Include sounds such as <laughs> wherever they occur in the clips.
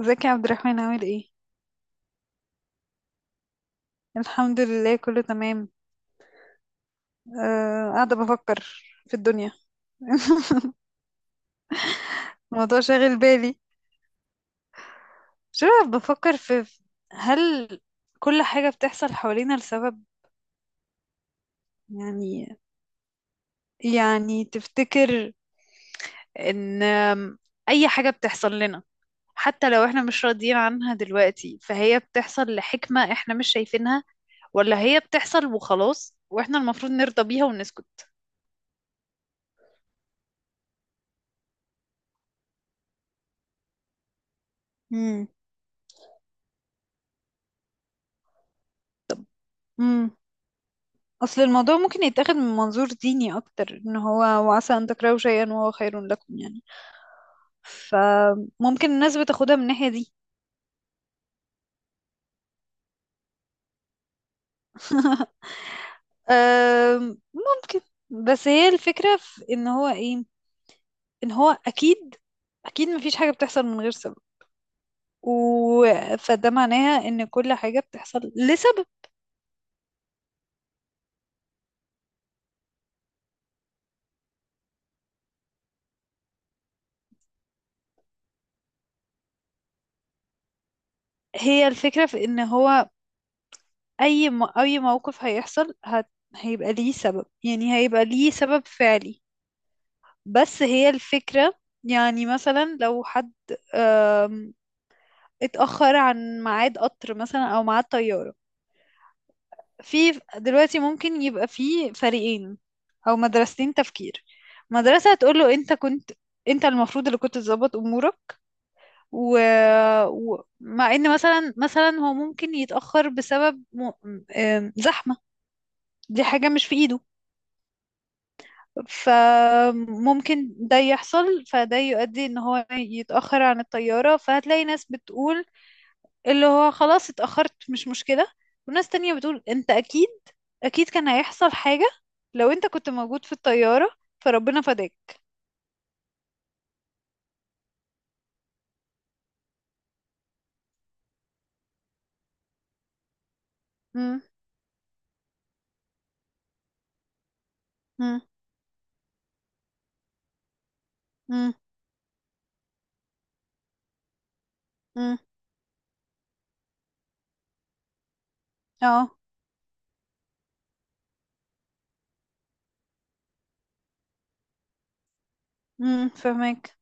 ازيك يا عبد الرحمن عامل ايه؟ الحمد لله كله تمام. أه، قاعدة بفكر في الدنيا. <laughs> الموضوع شاغل بالي. شو بفكر هل كل حاجة بتحصل حوالينا لسبب؟ يعني يعني تفتكر ان اي حاجة بتحصل لنا حتى لو احنا مش راضيين عنها دلوقتي فهي بتحصل لحكمة احنا مش شايفينها، ولا هي بتحصل وخلاص واحنا المفروض نرضى بيها ونسكت؟ مم. اصل الموضوع ممكن يتاخد من منظور ديني اكتر، ان هو وعسى ان تكرهوا شيئا وهو خير لكم، يعني فممكن الناس بتاخدها من الناحية دي. ممكن. بس هي الفكرة في ان هو ايه؟ ان هو اكيد، اكيد مفيش حاجة بتحصل من غير سبب، و... فده معناها ان كل حاجة بتحصل لسبب. هي الفكرة في ان هو اي موقف هيحصل، هيبقى ليه سبب، يعني هيبقى ليه سبب فعلي. بس هي الفكرة، يعني مثلا لو حد آم، اتأخر عن ميعاد قطر مثلا أو ميعاد طيارة، في دلوقتي ممكن يبقى في فريقين أو مدرستين تفكير. مدرسة هتقول له أنت كنت، أنت المفروض اللي كنت تظبط أمورك و... مع إن مثلا هو ممكن يتأخر بسبب زحمة، دي حاجة مش في إيده، فممكن ده يحصل فده يؤدي ان هو يتأخر عن الطيارة. فهتلاقي ناس بتقول اللي هو خلاص اتأخرت مش مشكلة، وناس تانية بتقول انت اكيد، اكيد كان هيحصل حاجة لو انت كنت موجود في الطيارة فربنا فداك. مم، مم، مم، مم، اه، مم، فهمك.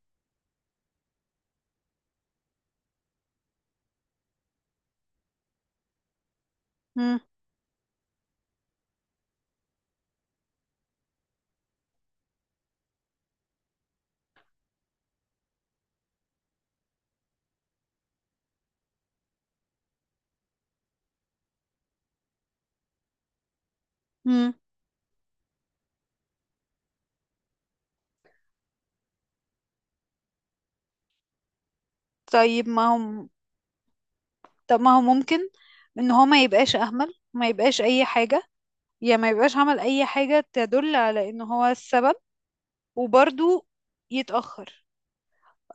مم، مم. طيب ما هم طب ما هو ممكن ان هو ما يبقاش اهمل، ما يبقاش اي حاجة، يا ما يبقاش عمل اي حاجة تدل على ان هو السبب، وبرضو يتأخر.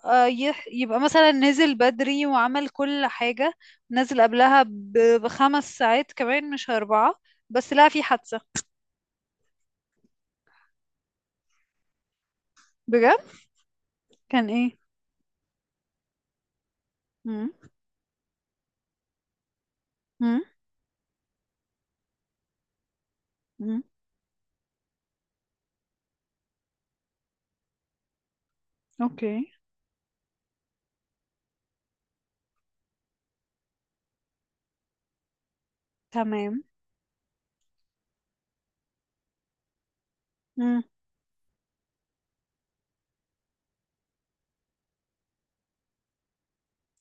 يبقى مثلا نزل بدري وعمل كل حاجة، نزل قبلها ب5 ساعات كمان مش 4، بس لا في حادثة. بجد؟ كان ايه؟ مم. مم. مم. اوكي. تمام. مم.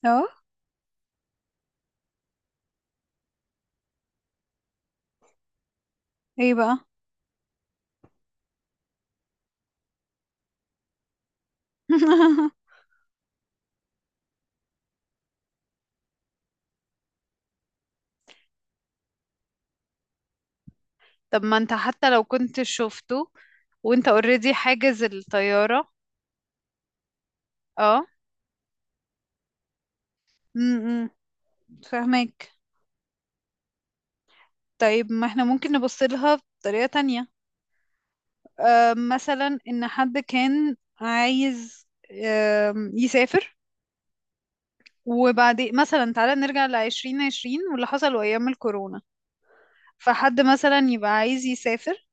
اه. ايه بقى؟ <laughs> طب ما انت حتى لو كنت شفته وانت اوريدي حاجز الطيارة. اه. امم. فاهمك. طيب ما احنا ممكن نبص لها بطريقة تانية. مثلا ان حد كان عايز، يسافر، وبعدين مثلا تعالى نرجع ل2020 واللي حصل ايام الكورونا. فحد مثلا يبقى عايز يسافر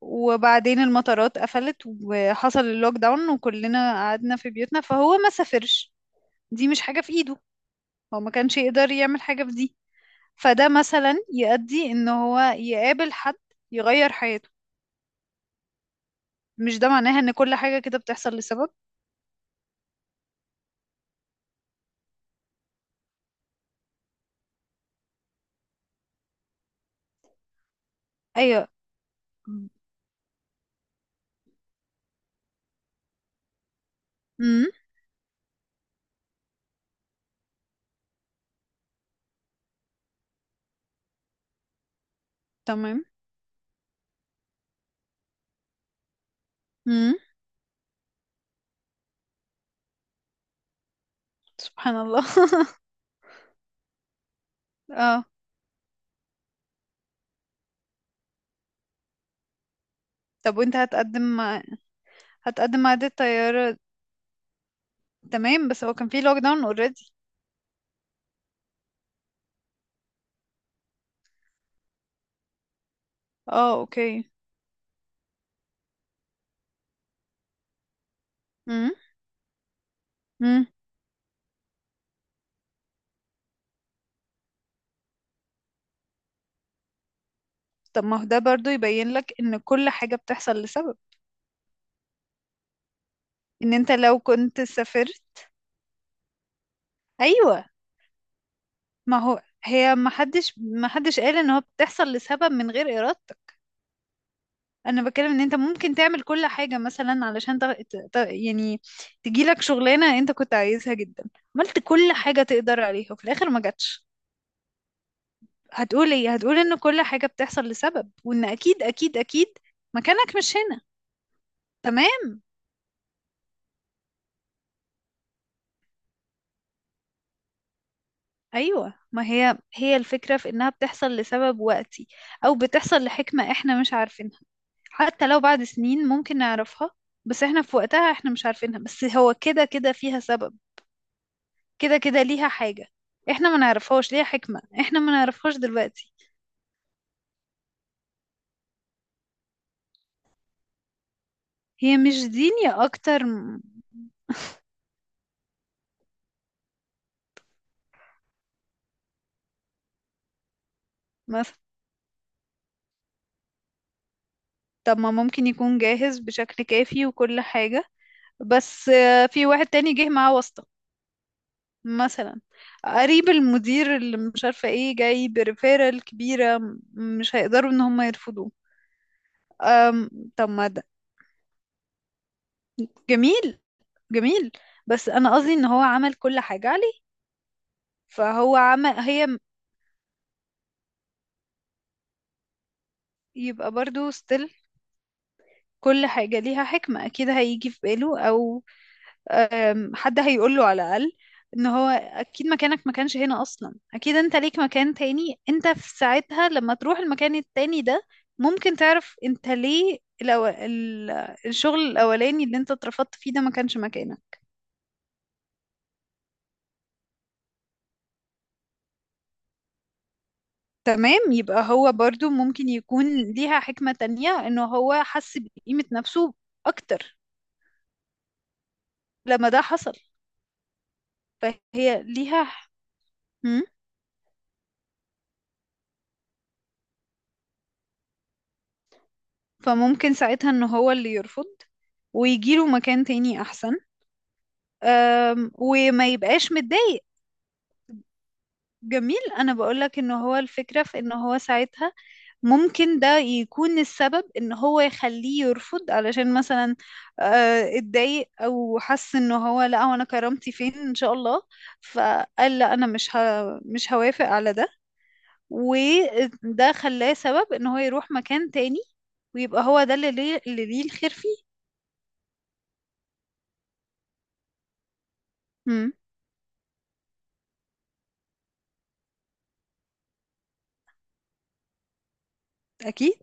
وبعدين المطارات قفلت وحصل اللوك داون وكلنا قعدنا في بيوتنا فهو ما سافرش. دي مش حاجة في ايده. هو ما كانش يقدر يعمل حاجة في دي. فده مثلا يؤدي ان هو يقابل حد يغير حياته. مش ده معناها ان كل حاجة كده بتحصل لسبب؟ ايوه. امم. تمام. سبحان الله. <laughs> اه. طب وانت هتقدم مع، هتقدم مع عادة طيارة؟ تمام، بس هو كان في لوك داون اوريدي. اه. اوكي. امم. امم. طب ما هو ده برضو يبين لك ان كل حاجة بتحصل لسبب. ان انت لو كنت سافرت. ايوه. ما هو هي ما حدش قال ان هو بتحصل لسبب من غير ارادتك. انا بتكلم ان انت ممكن تعمل كل حاجة مثلا علشان يعني تجيلك شغلانة انت كنت عايزها جدا، عملت كل حاجة تقدر عليها وفي الاخر ما جاتش. هتقول ايه؟ هتقول ان كل حاجة بتحصل لسبب، وان اكيد، اكيد، اكيد مكانك مش هنا. تمام. ايوه، ما هي هي الفكرة في انها بتحصل لسبب وقتي، او بتحصل لحكمة احنا مش عارفينها. حتى لو بعد سنين ممكن نعرفها، بس احنا في وقتها احنا مش عارفينها. بس هو كده كده فيها سبب، كده كده ليها حاجة، احنا ما نعرفهاش. ليها حكمة احنا ما نعرفهاش دلوقتي. هي مش دين، يا اكتر مثلا. طب ما ممكن يكون جاهز بشكل كافي وكل حاجة، بس في واحد تاني جه معاه واسطة مثلا، قريب المدير اللي مش عارفة ايه جاي بريفيرال كبيرة مش هيقدروا ان هم يرفضوه. أم، طب ما ده جميل، جميل. بس انا قصدي ان هو عمل كل حاجة عليه، فهو عمل يبقى برضو ستيل كل حاجة ليها حكمة اكيد هيجي في باله، او حد هيقوله على الأقل ان هو اكيد مكانك ما كانش هنا اصلا، اكيد انت ليك مكان تاني، انت في ساعتها لما تروح المكان التاني ده ممكن تعرف انت ليه الشغل الاولاني اللي انت اترفضت فيه ده ما كانش مكانك. تمام يبقى هو برضو ممكن يكون ليها حكمة تانية انه هو حس بقيمة نفسه اكتر لما ده حصل. فهي ليها. هم؟ فممكن ساعتها ان هو اللي يرفض ويجيله مكان تاني احسن. وما يبقاش متضايق. جميل، انا بقولك ان هو الفكرة في ان هو ساعتها ممكن ده يكون السبب ان هو يخليه يرفض، علشان مثلا اتضايق او حس ان هو لا هو انا كرامتي فين ان شاء الله، فقال لا انا مش هوافق على ده، وده خلاه سبب ان هو يروح مكان تاني، ويبقى هو ده اللي ليه, اللي ليه الخير فيه. امم. اكيد.